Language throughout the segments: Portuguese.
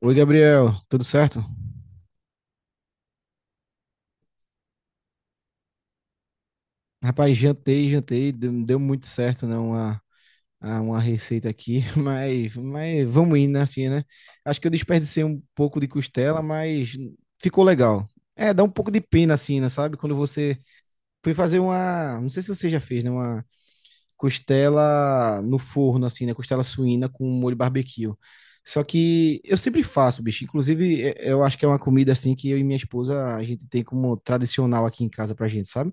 Oi, Gabriel, tudo certo? Rapaz, jantei, jantei, deu, deu muito certo, né? Uma receita aqui, mas vamos indo, né, assim, né? Acho que eu desperdicei um pouco de costela, mas ficou legal. É, dá um pouco de pena, assim, né, sabe? Quando você foi fazer uma. Não sei se você já fez, né? Costela no forno, assim, né? Costela suína com molho barbecue. Só que eu sempre faço, bicho. Inclusive, eu acho que é uma comida assim que eu e minha esposa a gente tem como tradicional aqui em casa pra gente, sabe?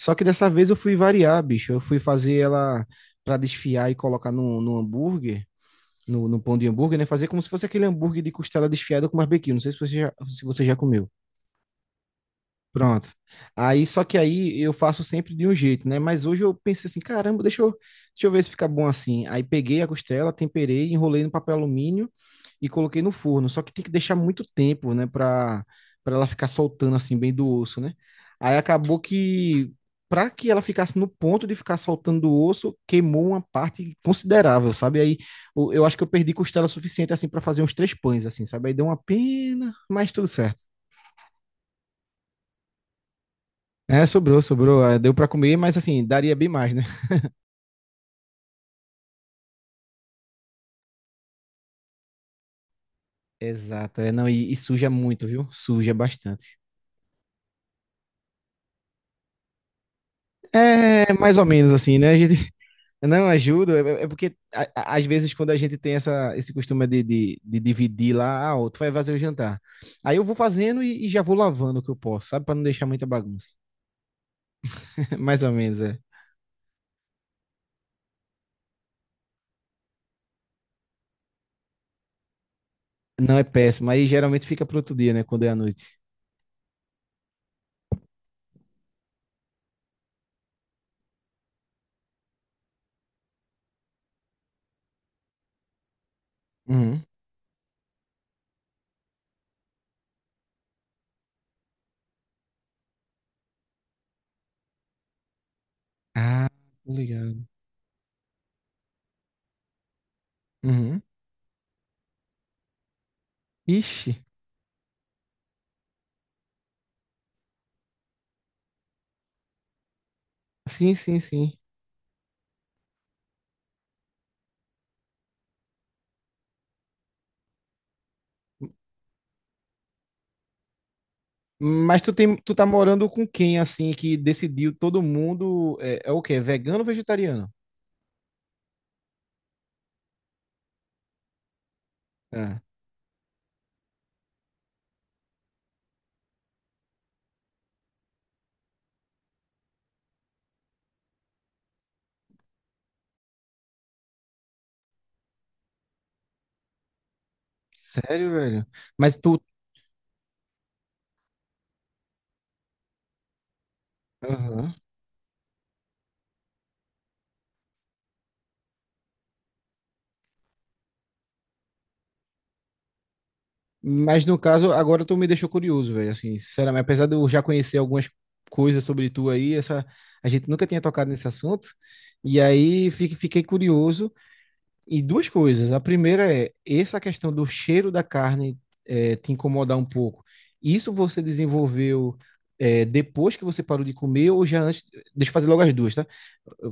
Só que dessa vez eu fui variar, bicho. Eu fui fazer ela pra desfiar e colocar no hambúrguer, no pão de hambúrguer, né? Fazer como se fosse aquele hambúrguer de costela desfiada com barbecue. Não sei se você já comeu. Pronto. Aí, só que aí eu faço sempre de um jeito, né? Mas hoje eu pensei assim, caramba, deixa eu ver se fica bom assim. Aí peguei a costela, temperei, enrolei no papel alumínio e coloquei no forno. Só que tem que deixar muito tempo, né? Pra ela ficar soltando assim, bem do osso, né? Aí acabou que, pra que ela ficasse no ponto de ficar soltando do osso, queimou uma parte considerável, sabe? Aí eu acho que eu perdi costela suficiente assim para fazer uns três pães, assim, sabe? Aí deu uma pena, mas tudo certo. É, sobrou, sobrou. É, deu pra comer, mas assim, daria bem mais, né? Exato. É, não, e suja muito, viu? Suja bastante. É, mais ou menos assim, né? A gente não ajuda, é, é porque às vezes quando a gente tem essa, esse costume de dividir lá, ah, ó, tu vai fazer o jantar. Aí eu vou fazendo e já vou lavando o que eu posso, sabe? Pra não deixar muita bagunça. Mais ou menos, é. Não é péssimo. Aí geralmente fica pro outro dia, né? Quando é à noite. Uhum. Ah, tô ligado. Uhum. Ixi. Sim, sim, sim. Mas tu tem, tu tá morando com quem, assim, que decidiu todo mundo é, é o quê? É vegano ou vegetariano? É. Sério, velho? Mas tu. Aham. Mas no caso, agora tu me deixou curioso, velho. Assim, sinceramente, apesar de eu já conhecer algumas coisas sobre tu aí, essa, a gente nunca tinha tocado nesse assunto. E aí fiquei curioso. E duas coisas. A primeira é essa questão do cheiro da carne te incomodar um pouco. Isso você desenvolveu depois que você parou de comer ou já antes? Deixa eu fazer logo as duas, tá?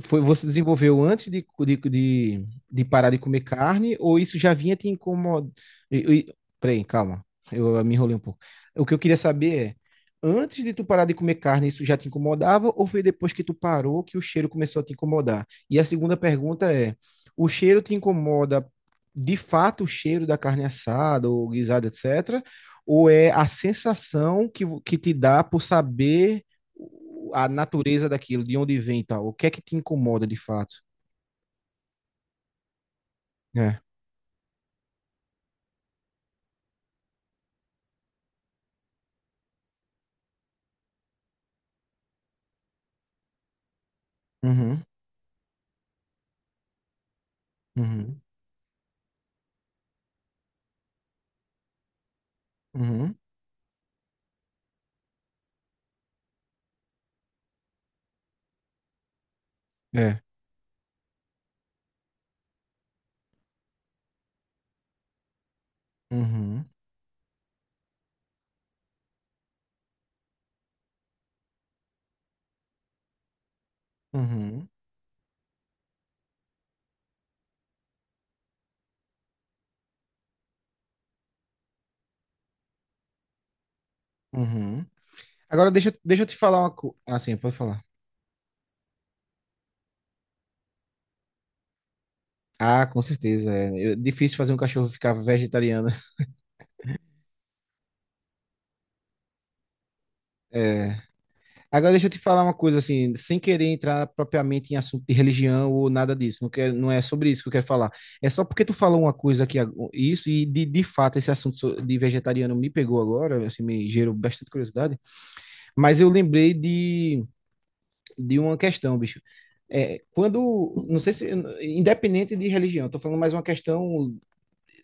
Foi, você desenvolveu antes de parar de comer carne, ou isso já vinha te incomodando? Peraí, calma, eu me enrolei um pouco. O que eu queria saber é, antes de tu parar de comer carne, isso já te incomodava, ou foi depois que tu parou que o cheiro começou a te incomodar? E a segunda pergunta é, o cheiro te incomoda de fato o cheiro da carne assada ou guisada, etc., ou é a sensação que, que te dá por saber a natureza daquilo, de onde vem e tal. O que é que te incomoda de fato? É. Uhum, uhum, uhum, é. Uhum, uhum, uhum. Agora deixa, deixa eu te falar uma coisa. Ah, sim, pode falar. Ah, com certeza. É, difícil fazer um cachorro ficar vegetariano. É. Agora deixa eu te falar uma coisa assim, sem querer entrar propriamente em assunto de religião ou nada disso. Não quero, não é sobre isso que eu quero falar. É só porque tu falou uma coisa aqui, isso, e de fato esse assunto de vegetariano me pegou agora, assim, me gerou bastante curiosidade. Mas eu lembrei de uma questão, bicho. É, quando, não sei se, independente de religião, estou falando mais uma questão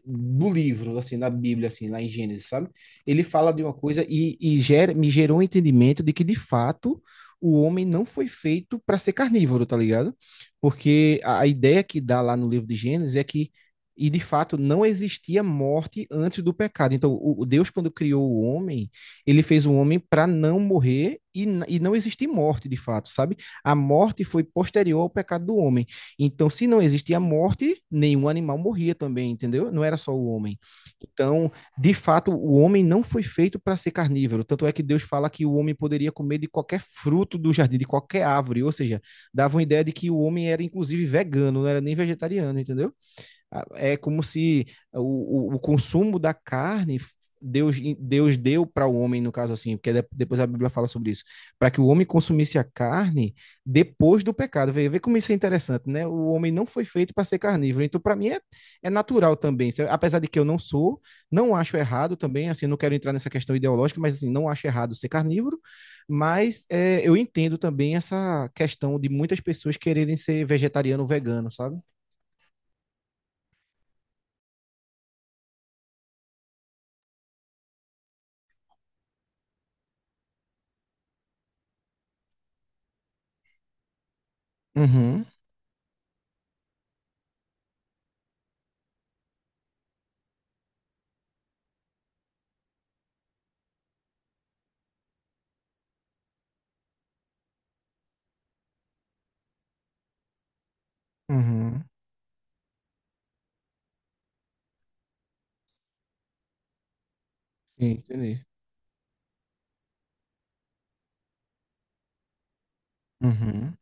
do livro, assim, da Bíblia, assim, lá em Gênesis, sabe? Ele fala de uma coisa e gera, me gerou um entendimento de que, de fato, o homem não foi feito para ser carnívoro, tá ligado? Porque a ideia que dá lá no livro de Gênesis é que, e de fato, não existia morte antes do pecado. Então, o Deus, quando criou o homem, ele fez o homem para não morrer e, e não existir morte, de fato, sabe? A morte foi posterior ao pecado do homem. Então, se não existia morte, nenhum animal morria também, entendeu? Não era só o homem. Então, de fato, o homem não foi feito para ser carnívoro. Tanto é que Deus fala que o homem poderia comer de qualquer fruto do jardim, de qualquer árvore. Ou seja, dava uma ideia de que o homem era, inclusive, vegano, não era nem vegetariano, entendeu? É como se o consumo da carne Deus deu para o homem, no caso assim, porque depois a Bíblia fala sobre isso, para que o homem consumisse a carne depois do pecado. Vê, vê como isso é interessante, né? O homem não foi feito para ser carnívoro. Então, para mim, é, é natural também. Apesar de que eu não sou, não acho errado também, assim, não quero entrar nessa questão ideológica, mas assim, não acho errado ser carnívoro, mas é, eu entendo também essa questão de muitas pessoas quererem ser vegetariano ou vegano, sabe? Uhum, uhum. Sim, entendi. Uhum,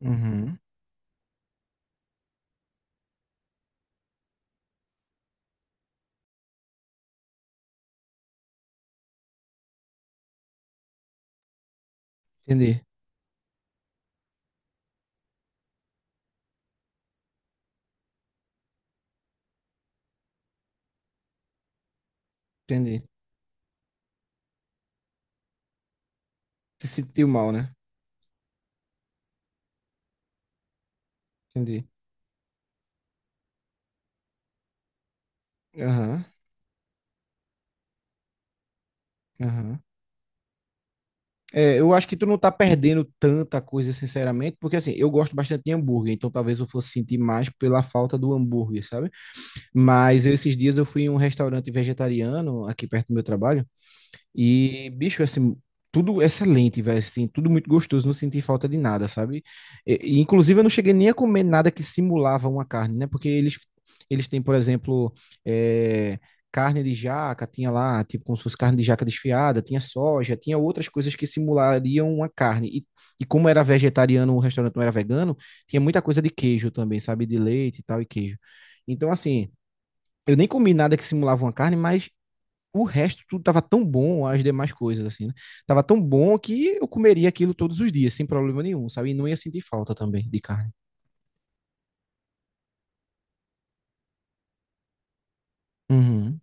uhum, entendi. Entendi. Se sentiu mal, né? Entendi. Aham. Aham. É, eu acho que tu não tá perdendo tanta coisa, sinceramente, porque assim, eu gosto bastante de hambúrguer, então talvez eu fosse sentir mais pela falta do hambúrguer, sabe? Mas esses dias eu fui em um restaurante vegetariano aqui perto do meu trabalho. E, bicho, assim, tudo excelente, velho, assim, tudo muito gostoso, não senti falta de nada, sabe? E inclusive, eu não cheguei nem a comer nada que simulava uma carne, né? Porque eles têm, por exemplo, eh, carne de jaca, tinha lá, tipo, como se fosse carne de jaca desfiada, tinha soja, tinha outras coisas que simulariam uma carne. E como era vegetariano, o restaurante não era vegano, tinha muita coisa de queijo também, sabe? De leite e tal, e queijo. Então, assim, eu nem comi nada que simulava uma carne, mas o resto tudo tava tão bom, as demais coisas, assim, né? Tava tão bom que eu comeria aquilo todos os dias, sem problema nenhum, sabe? E não ia sentir falta também de carne. Uhum.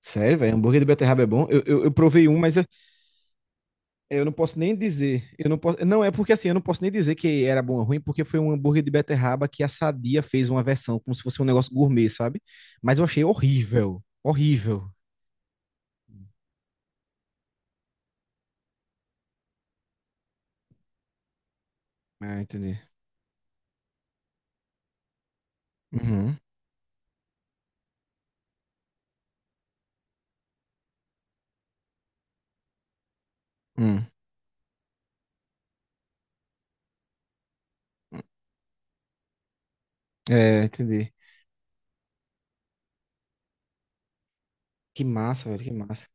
Sério, velho, hambúrguer de beterraba é bom. Eu provei um, mas eu não posso nem dizer. Eu não posso. Não, é porque assim, eu não posso nem dizer que era bom ou ruim, porque foi um hambúrguer de beterraba que a Sadia fez uma versão, como se fosse um negócio gourmet, sabe? Mas eu achei horrível. Horrível. Ah, entendi. Uhum. Hum. Hum. É, entendi. Que massa, velho, que massa.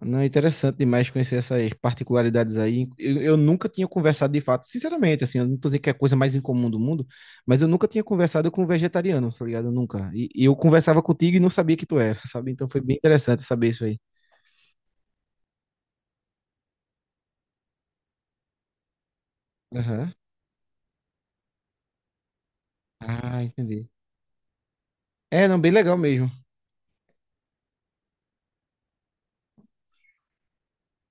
Não, interessante demais conhecer essas particularidades aí. Eu nunca tinha conversado de fato, sinceramente, assim, eu não tô dizendo que é a coisa mais incomum do mundo, mas eu nunca tinha conversado com um vegetariano, tá ligado? Nunca. E eu conversava contigo e não sabia que tu era, sabe? Então foi bem interessante saber isso aí. Aham. Ah, entendi. É, não, bem legal mesmo.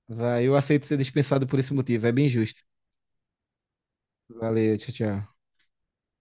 Vai, eu aceito ser dispensado por esse motivo, é bem justo. Valeu, tchau, tchau.